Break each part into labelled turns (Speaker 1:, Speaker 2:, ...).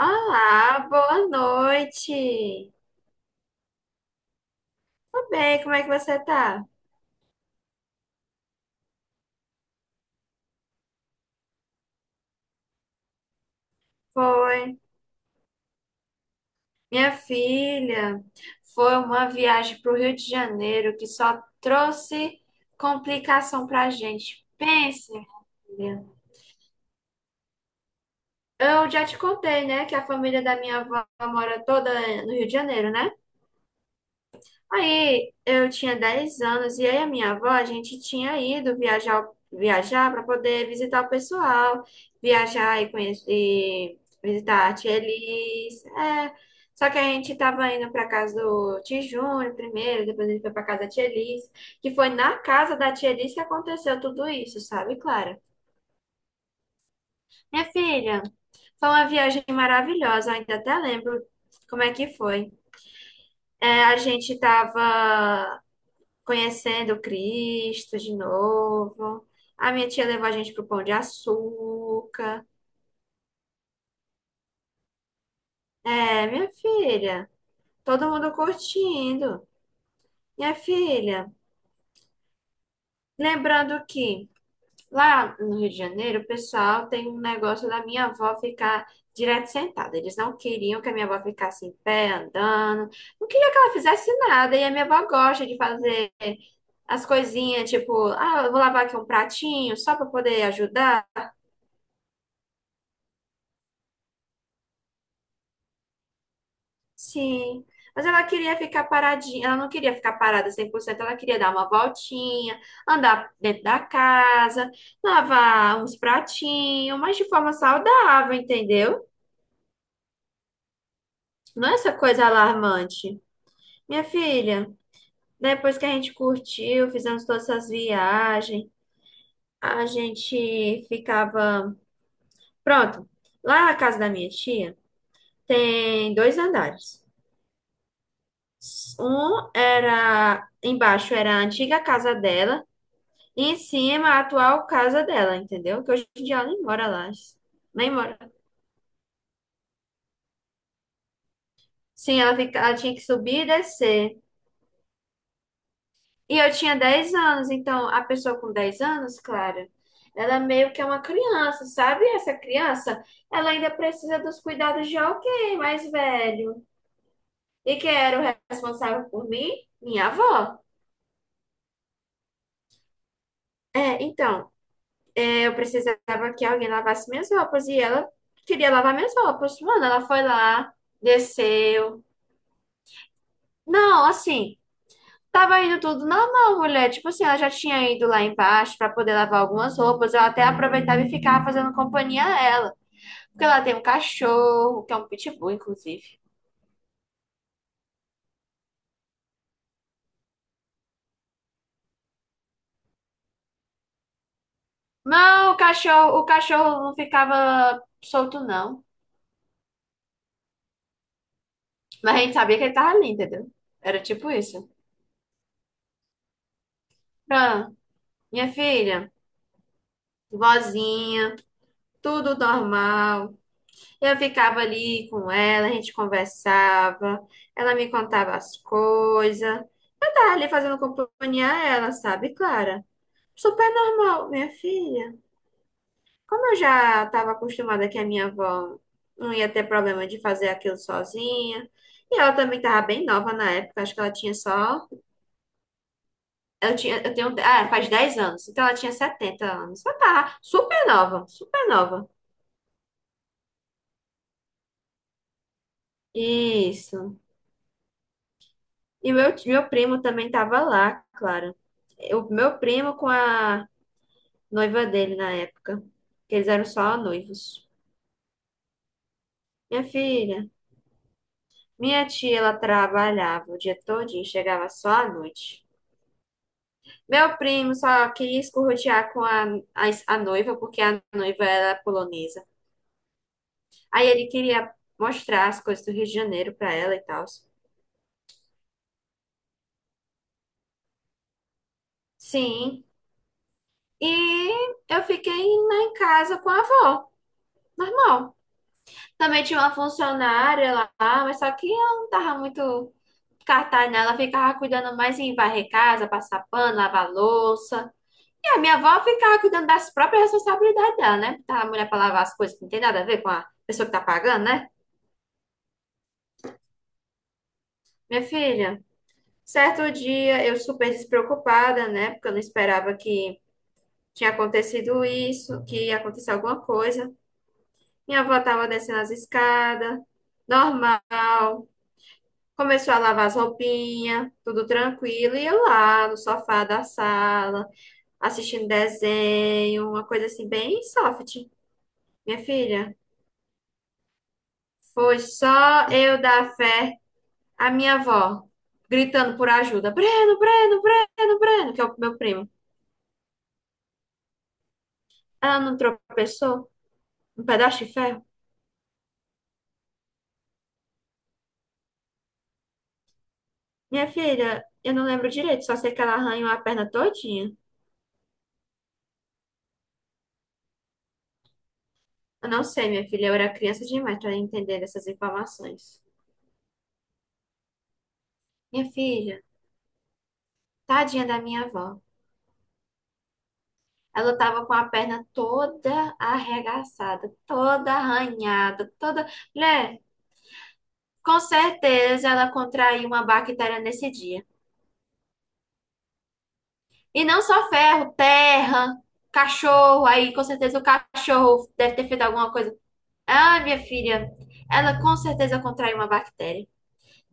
Speaker 1: Olá, boa noite. Tudo bem, como é que você tá? Foi. Minha filha, foi uma viagem para o Rio de Janeiro que só trouxe complicação pra gente. Pense, minha filha. Eu já te contei, né, que a família da minha avó mora toda no Rio de Janeiro, né? Aí eu tinha 10 anos e aí a minha avó, a gente tinha ido viajar para poder visitar o pessoal, viajar e conhecer, e visitar a tia Elis. É. Só que a gente estava indo para casa do tio Júnior primeiro, depois ele foi para casa da tia Elis, que foi na casa da tia Elis que aconteceu tudo isso, sabe, Clara? Minha filha, foi uma viagem maravilhosa, eu ainda até lembro como é que foi. É, a gente estava conhecendo Cristo de novo. A minha tia levou a gente pro Pão de Açúcar. É, minha filha, todo mundo curtindo. Minha filha, lembrando que lá no Rio de Janeiro, o pessoal tem um negócio da minha avó ficar direto sentada. Eles não queriam que a minha avó ficasse em pé, andando. Não queria que ela fizesse nada. E a minha avó gosta de fazer as coisinhas, tipo, ah, eu vou lavar aqui um pratinho só para poder ajudar. Sim, mas ela queria ficar paradinha, ela não queria ficar parada 100%, ela queria dar uma voltinha, andar dentro da casa, lavar uns pratinhos, mas de forma saudável, entendeu? Não é essa coisa alarmante. Minha filha, depois que a gente curtiu, fizemos todas essas viagens, a gente ficava. Pronto, lá na casa da minha tia tem dois andares. Um era embaixo, era a antiga casa dela. Em cima, a atual casa dela, entendeu? Que hoje em dia ela nem mora lá. Nem mora. Sim, ela fica, ela tinha que subir e descer. E eu tinha 10 anos, então a pessoa com 10 anos, claro, ela meio que é uma criança, sabe? Essa criança, ela ainda precisa dos cuidados de alguém mais velho. E quem era o responsável por mim? Minha avó. É, então, é, eu precisava que alguém lavasse minhas roupas e ela queria lavar minhas roupas. Mano, ela foi lá, desceu. Não, assim, tava indo tudo normal, mulher. Tipo assim, ela já tinha ido lá embaixo pra poder lavar algumas roupas. Eu até aproveitava e ficava fazendo companhia a ela. Porque ela tem um cachorro, que é um pitbull, inclusive. Mas o cachorro não ficava solto, não. Mas a gente sabia que ele tava ali, entendeu? Era tipo isso. Ah, minha filha, vozinha, tudo normal. Eu ficava ali com ela, a gente conversava, ela me contava as coisas. Eu tava ali fazendo companhia a ela, sabe, Clara? Super normal, minha filha. Como eu já estava acostumada que a minha avó não ia ter problema de fazer aquilo sozinha, e ela também estava bem nova na época, acho que ela tinha só. Eu tinha, eu tenho, faz 10 anos, então ela tinha 70 anos. Ela tava super nova, super nova. Isso. E meu, meu primo também tava lá, claro. O meu primo com a noiva dele na época, que eles eram só noivos. Minha filha, minha tia, ela trabalhava o dia todo e chegava só à noite. Meu primo só queria escorrotear com a, a noiva, porque a noiva era polonesa. Aí ele queria mostrar as coisas do Rio de Janeiro pra ela e tal. Sim. E eu fiquei lá em casa com a avó, normal. Também tinha uma funcionária lá, mas só que ela não tava muito cartaz nela. Ela ficava cuidando mais em varrer casa, passar pano, lavar louça. E a minha avó ficava cuidando das próprias responsabilidades dela, né? Botar a mulher pra lavar as coisas que não tem nada a ver com a pessoa que tá pagando, né? Minha filha, certo dia eu super despreocupada, né? Porque eu não esperava que tinha acontecido isso, que ia acontecer alguma coisa. Minha avó tava descendo as escadas, normal. Começou a lavar as roupinhas, tudo tranquilo, e eu lá no sofá da sala, assistindo desenho, uma coisa assim, bem soft. Minha filha, foi só eu dar fé à minha avó, gritando por ajuda: Breno, Breno, Breno, Breno, que é o meu primo. Ela não tropeçou? Um pedaço de ferro? Minha filha, eu não lembro direito, só sei que ela arranhou a perna todinha. Eu não sei, minha filha, eu era criança demais para entender essas informações. Minha filha, tadinha da minha avó. Ela tava com a perna toda arregaçada, toda arranhada, toda. Mulher, com certeza ela contraiu uma bactéria nesse dia. E não só ferro, terra, cachorro. Aí com certeza o cachorro deve ter feito alguma coisa. Ah, minha filha, ela com certeza contraiu uma bactéria.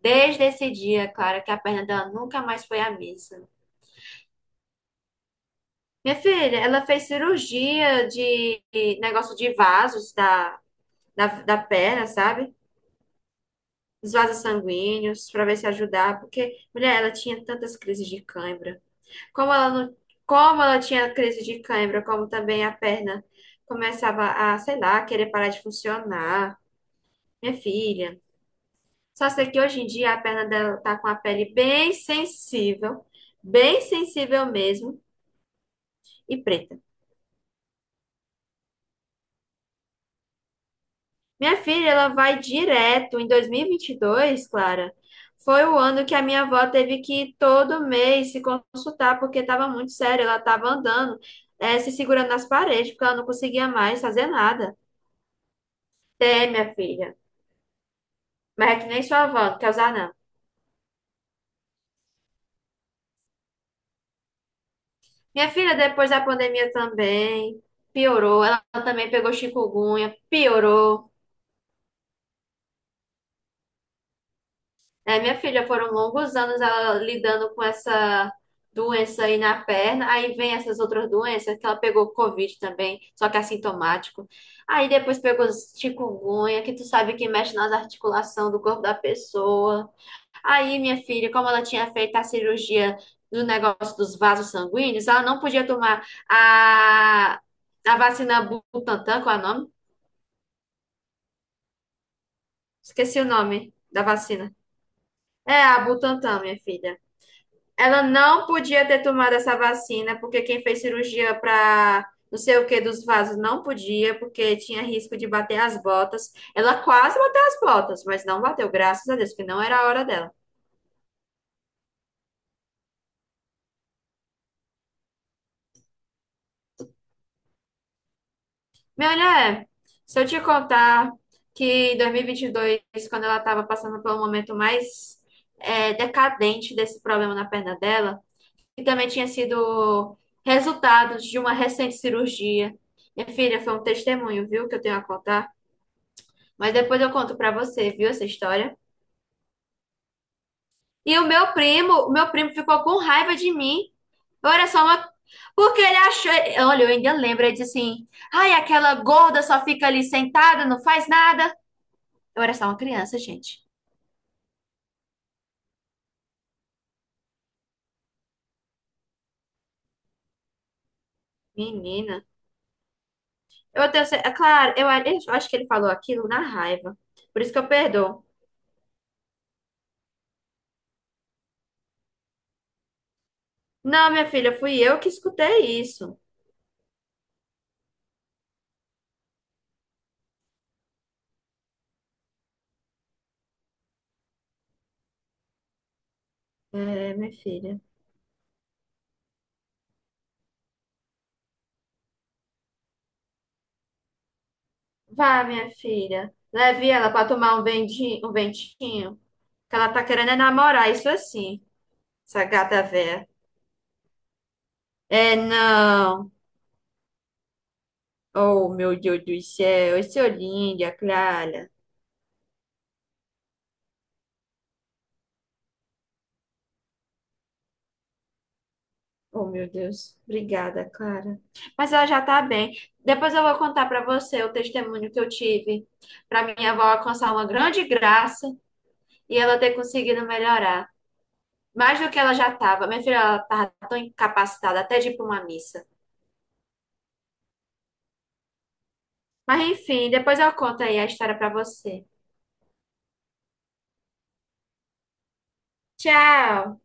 Speaker 1: Desde esse dia, Clara, que a perna dela nunca mais foi a mesma. Minha filha, ela fez cirurgia de negócio de vasos da, da perna, sabe? Dos vasos sanguíneos, para ver se ajudar, porque, mulher, ela tinha tantas crises de cãibra. Como ela não, como ela tinha crise de cãibra, como também a perna começava a, sei lá, querer parar de funcionar. Minha filha, só sei que hoje em dia a perna dela tá com a pele bem sensível mesmo, e preta. Minha filha, ela vai direto. Em dois mil e vinte e dois, Clara, foi o ano que a minha avó teve que ir todo mês se consultar, porque estava muito sério. Ela estava andando, se segurando nas paredes, porque ela não conseguia mais fazer nada. Tem, minha filha. Mas é que nem sua avó, não quer usar, não. Minha filha, depois da pandemia também, piorou. Ela também pegou chikungunya, piorou. É, minha filha, foram longos anos ela lidando com essa doença aí na perna. Aí vem essas outras doenças que ela pegou, Covid também, só que é assintomático. Aí depois pegou chikungunya, que tu sabe que mexe nas articulações do corpo da pessoa. Aí, minha filha, como ela tinha feito a cirurgia do negócio dos vasos sanguíneos, ela não podia tomar a, a, vacina Butantan, qual é o nome? Esqueci o nome da vacina. É a Butantan, minha filha. Ela não podia ter tomado essa vacina, porque quem fez cirurgia para não sei o que dos vasos não podia, porque tinha risco de bater as botas. Ela quase bateu as botas, mas não bateu, graças a Deus, porque não era a hora dela. Minha mulher, se eu te contar que em 2022, quando ela estava passando pelo momento mais decadente desse problema na perna dela, que também tinha sido resultado de uma recente cirurgia. Minha filha, foi um testemunho, viu, que eu tenho a contar. Mas depois eu conto pra você, viu, essa história. E o meu primo ficou com raiva de mim. Olha só uma. Porque ele achou. Olha, eu ainda lembro, ele disse assim: ai, aquela gorda só fica ali sentada, não faz nada. Eu era só uma criança, gente. Menina. Eu tenho. É claro, eu acho que ele falou aquilo na raiva. Por isso que eu perdoo. Não, minha filha, fui eu que escutei isso. É, minha filha. Vá, minha filha. Leve ela pra tomar um um ventinho. Que ela tá querendo é namorar, isso assim, essa gata véia. É, não. Oh, meu Deus do céu. Esse olhinho, a Clara. Oh, meu Deus. Obrigada, Clara. Mas ela já tá bem. Depois eu vou contar pra você o testemunho que eu tive pra minha avó alcançar uma grande graça e ela ter conseguido melhorar. Mais do que ela já tava. Minha filha, ela tava tão incapacitada até de ir pra uma missa. Mas enfim, depois eu conto aí a história pra você. Tchau!